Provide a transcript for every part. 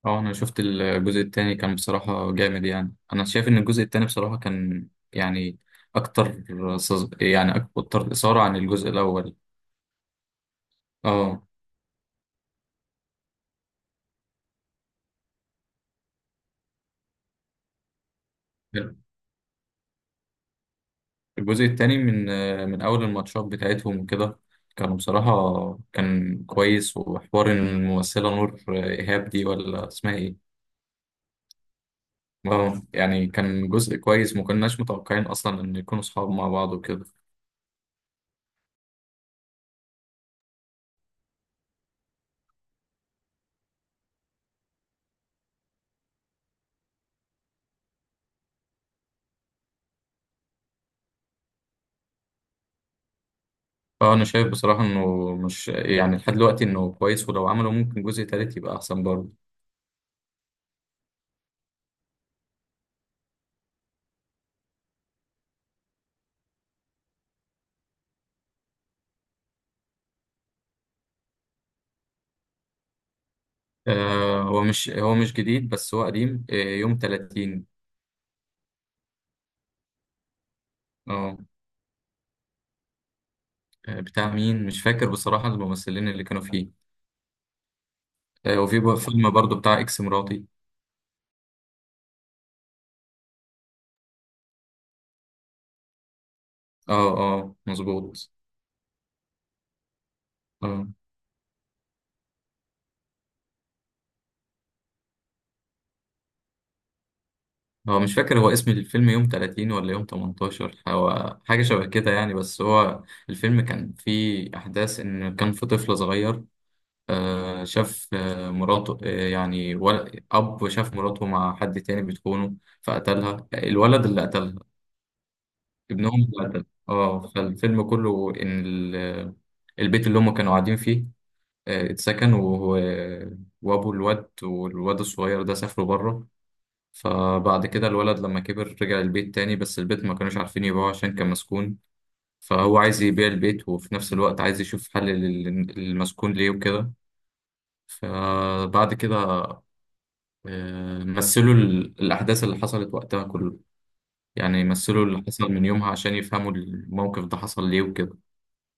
اه انا شفت الجزء التاني كان بصراحة جامد. يعني انا شايف ان الجزء التاني بصراحة كان يعني اكتر يعني اكتر اثارة عن الجزء الاول. اه، الجزء التاني من اول الماتشات بتاعتهم وكده. كانوا بصراحة كان كويس. وحوار إن الممثلة نور ايهاب دي ولا اسمها ايه؟ اه، يعني كان جزء كويس ما كناش متوقعين اصلا ان يكونوا صحاب مع بعض وكده. اه، انا شايف بصراحة انه مش يعني لحد دلوقتي انه كويس، ولو عملوا ممكن جزء تالت يبقى احسن برضه. هو مش جديد، بس هو قديم. يوم 30. اه. بتاع مين مش فاكر بصراحة الممثلين اللي كانوا فيه. وفي بقى فيلم برضه بتاع اكس مراتي. اه، اه، مظبوط. اه، هو مش فاكر هو اسم الفيلم يوم 30 ولا يوم 18. هو حاجة شبه كده يعني، بس هو الفيلم كان فيه أحداث إن كان في طفل صغير. شاف مراته يعني أب شاف مراته مع حد تاني بتخونه، فقتلها. الولد اللي قتلها ابنهم، اللي قتلها. اه، فالفيلم كله إن البيت اللي هم كانوا قاعدين فيه اتسكن. وهو وأبو الواد والواد الصغير ده سافروا بره. فبعد كده الولد لما كبر رجع البيت تاني، بس البيت ما كانوش عارفين يبيعوه عشان كان مسكون. فهو عايز يبيع البيت وفي نفس الوقت عايز يشوف حل للمسكون ليه وكده. فبعد كده مثلوا الأحداث اللي حصلت وقتها كله. يعني مثلوا اللي حصل من يومها عشان يفهموا الموقف ده حصل ليه وكده.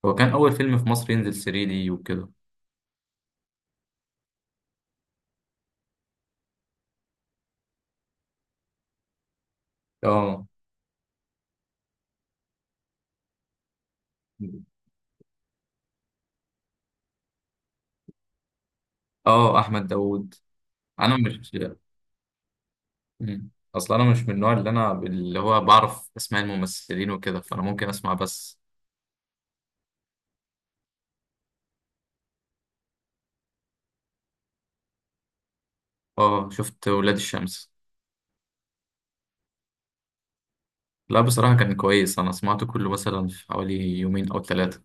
هو كان أول فيلم في مصر ينزل 3D وكده. اه، اه، أحمد داوود. أنا مش. مم. أصل أنا مش من النوع اللي أنا اللي هو بعرف أسماء الممثلين وكده، فأنا ممكن أسمع بس. اه، شفت ولاد الشمس. لا، بصراحة كان كويس. أنا سمعته كله مثلا في حوالي يومين أو 3.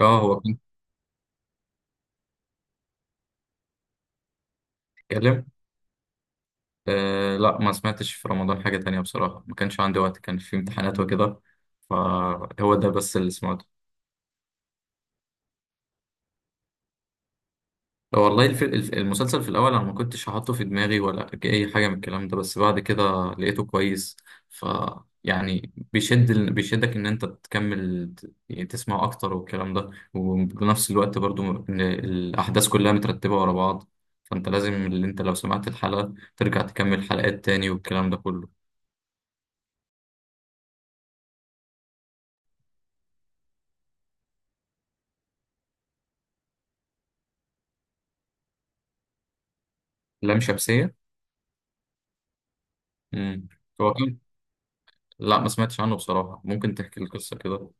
اه، هو كان بيتكلم. أه، لا، ما سمعتش في رمضان حاجة تانية بصراحة. ما كانش عندي وقت، كان في امتحانات وكده، فهو ده بس اللي سمعته. أه، والله المسلسل في الأول أنا ما كنتش حاطه في دماغي ولا أي حاجة من الكلام ده، بس بعد كده لقيته كويس. ف يعني بيشدك إن أنت تكمل، يعني تسمع أكتر والكلام ده، وبنفس الوقت برضو إن الأحداث كلها مترتبة ورا بعض. فأنت لازم اللي أنت لو سمعت الحلقة ترجع تكمل حلقات تاني والكلام ده كله. لام شمسية. مم. هو لا، ما سمعتش عنه بصراحة. ممكن تحكي القصة كده؟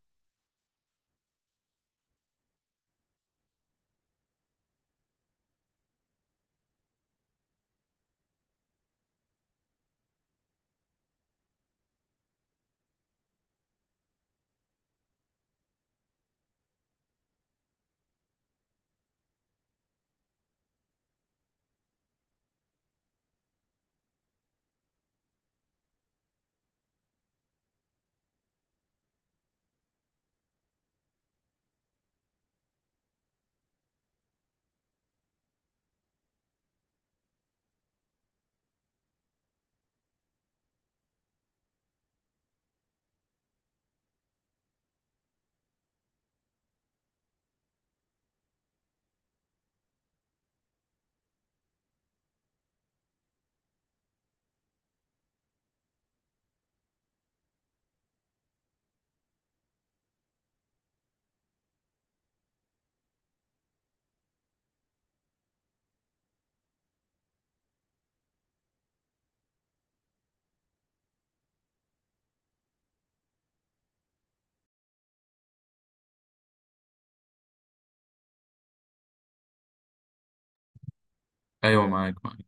أيوة، معاك، معاك.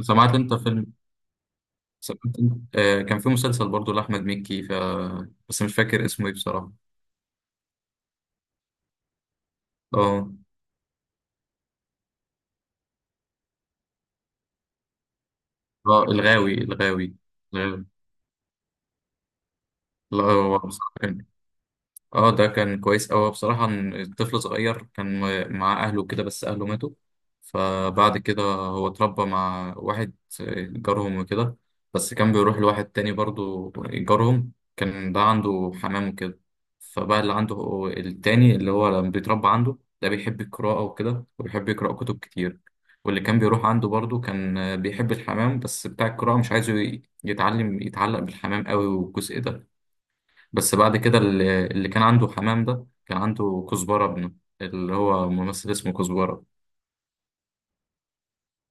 سمعت أنت فيلم. سمعت أنت كان في مسلسل برضو لأحمد مكي، بس مش فاكر اسمه إيه بصراحة. أه. أه، الغاوي، الغاوي. الغاوي. لا، هو بصراحة كان. اه، ده كان كويس أوي بصراحة. إن الطفل صغير كان مع أهله كده، بس أهله ماتوا. فبعد كده هو اتربى مع واحد جارهم وكده. بس كان بيروح لواحد تاني برضو جارهم، كان ده عنده حمام وكده. فبقى اللي عنده هو التاني اللي هو لما بيتربى عنده ده بيحب القراءة وكده، وبيحب يقرأ كتب كتير. واللي كان بيروح عنده برضو كان بيحب الحمام، بس بتاع القراءة مش عايزه يتعلم يتعلق بالحمام قوي والجزء ده. بس بعد كده اللي كان عنده حمام ده كان عنده كزبرة ابنه، اللي هو ممثل اسمه كزبرة.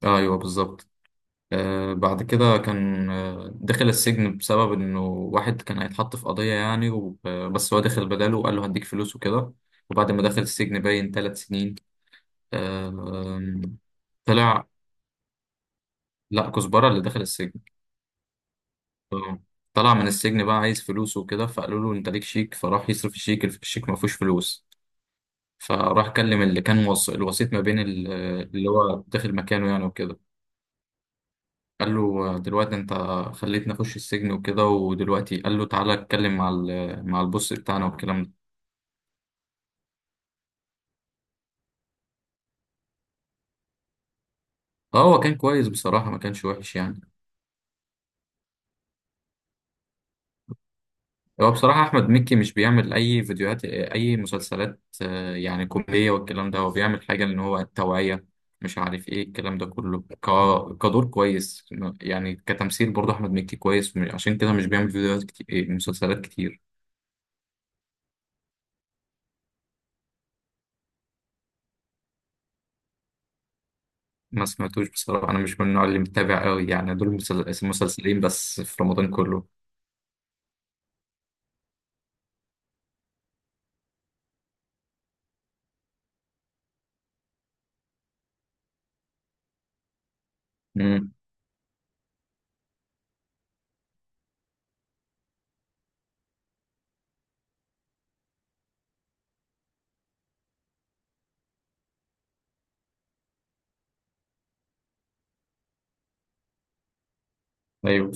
ايوه، بالظبط. بعد كده كان دخل السجن بسبب انه واحد كان هيتحط في قضية يعني. بس هو دخل بداله وقال له هديك فلوس وكده. وبعد ما دخل السجن باين 3 سنين. آه طلع. لا، كزبرة اللي دخل السجن. آه، طلع من السجن بقى عايز فلوس وكده. فقالوا له انت ليك شيك، فراح يصرف الشيك. الشيك ما فيهوش فلوس، فراح كلم اللي كان الوسيط ما بين اللي هو داخل مكانه يعني وكده. قال له دلوقتي انت خليتني اخش السجن وكده، ودلوقتي قال له تعالى اتكلم مع البوس بتاعنا والكلام ده. اه، هو كان كويس بصراحة ما كانش وحش يعني. هو بصراحة أحمد مكي مش بيعمل أي فيديوهات أي مسلسلات يعني كوميدية والكلام ده. هو بيعمل حاجة إن هو توعية، مش عارف إيه الكلام ده كله. كدور كويس. يعني كتمثيل برضه أحمد مكي كويس، عشان كده مش بيعمل فيديوهات كتير، مسلسلات كتير. ما سمعتوش بصراحة. أنا مش من النوع اللي متابع قوي يعني. دول مسلسلين بس في رمضان كله. امم أيوه.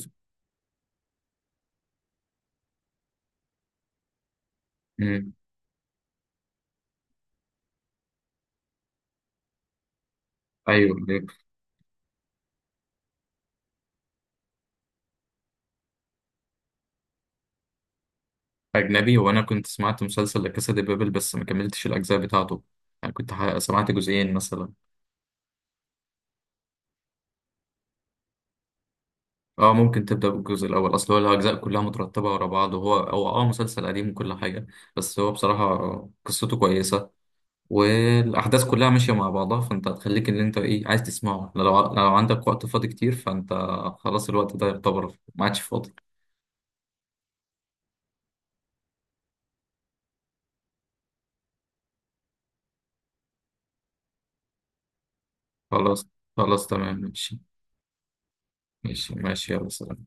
امم أيوه، أيوه. أجنبي، وأنا كنت سمعت مسلسل لا كاسا دي بابل، بس ما كملتش الأجزاء بتاعته. يعني كنت سمعت جزئين مثلا. أه، ممكن تبدأ بالجزء الأول. أصل هو الأجزاء كلها مترتبة ورا بعض، وهو مسلسل قديم وكل حاجة. بس هو بصراحة قصته كويسة، والاحداث كلها ماشيه مع بعضها. فانت هتخليك اللي انت ايه عايز تسمعه، لو عندك وقت فاضي كتير فانت. خلاص. الوقت ده يعتبر ما عادش فاضي. خلاص، خلاص، تمام، ماشي. ماشي، ماشي، يلا، سلام.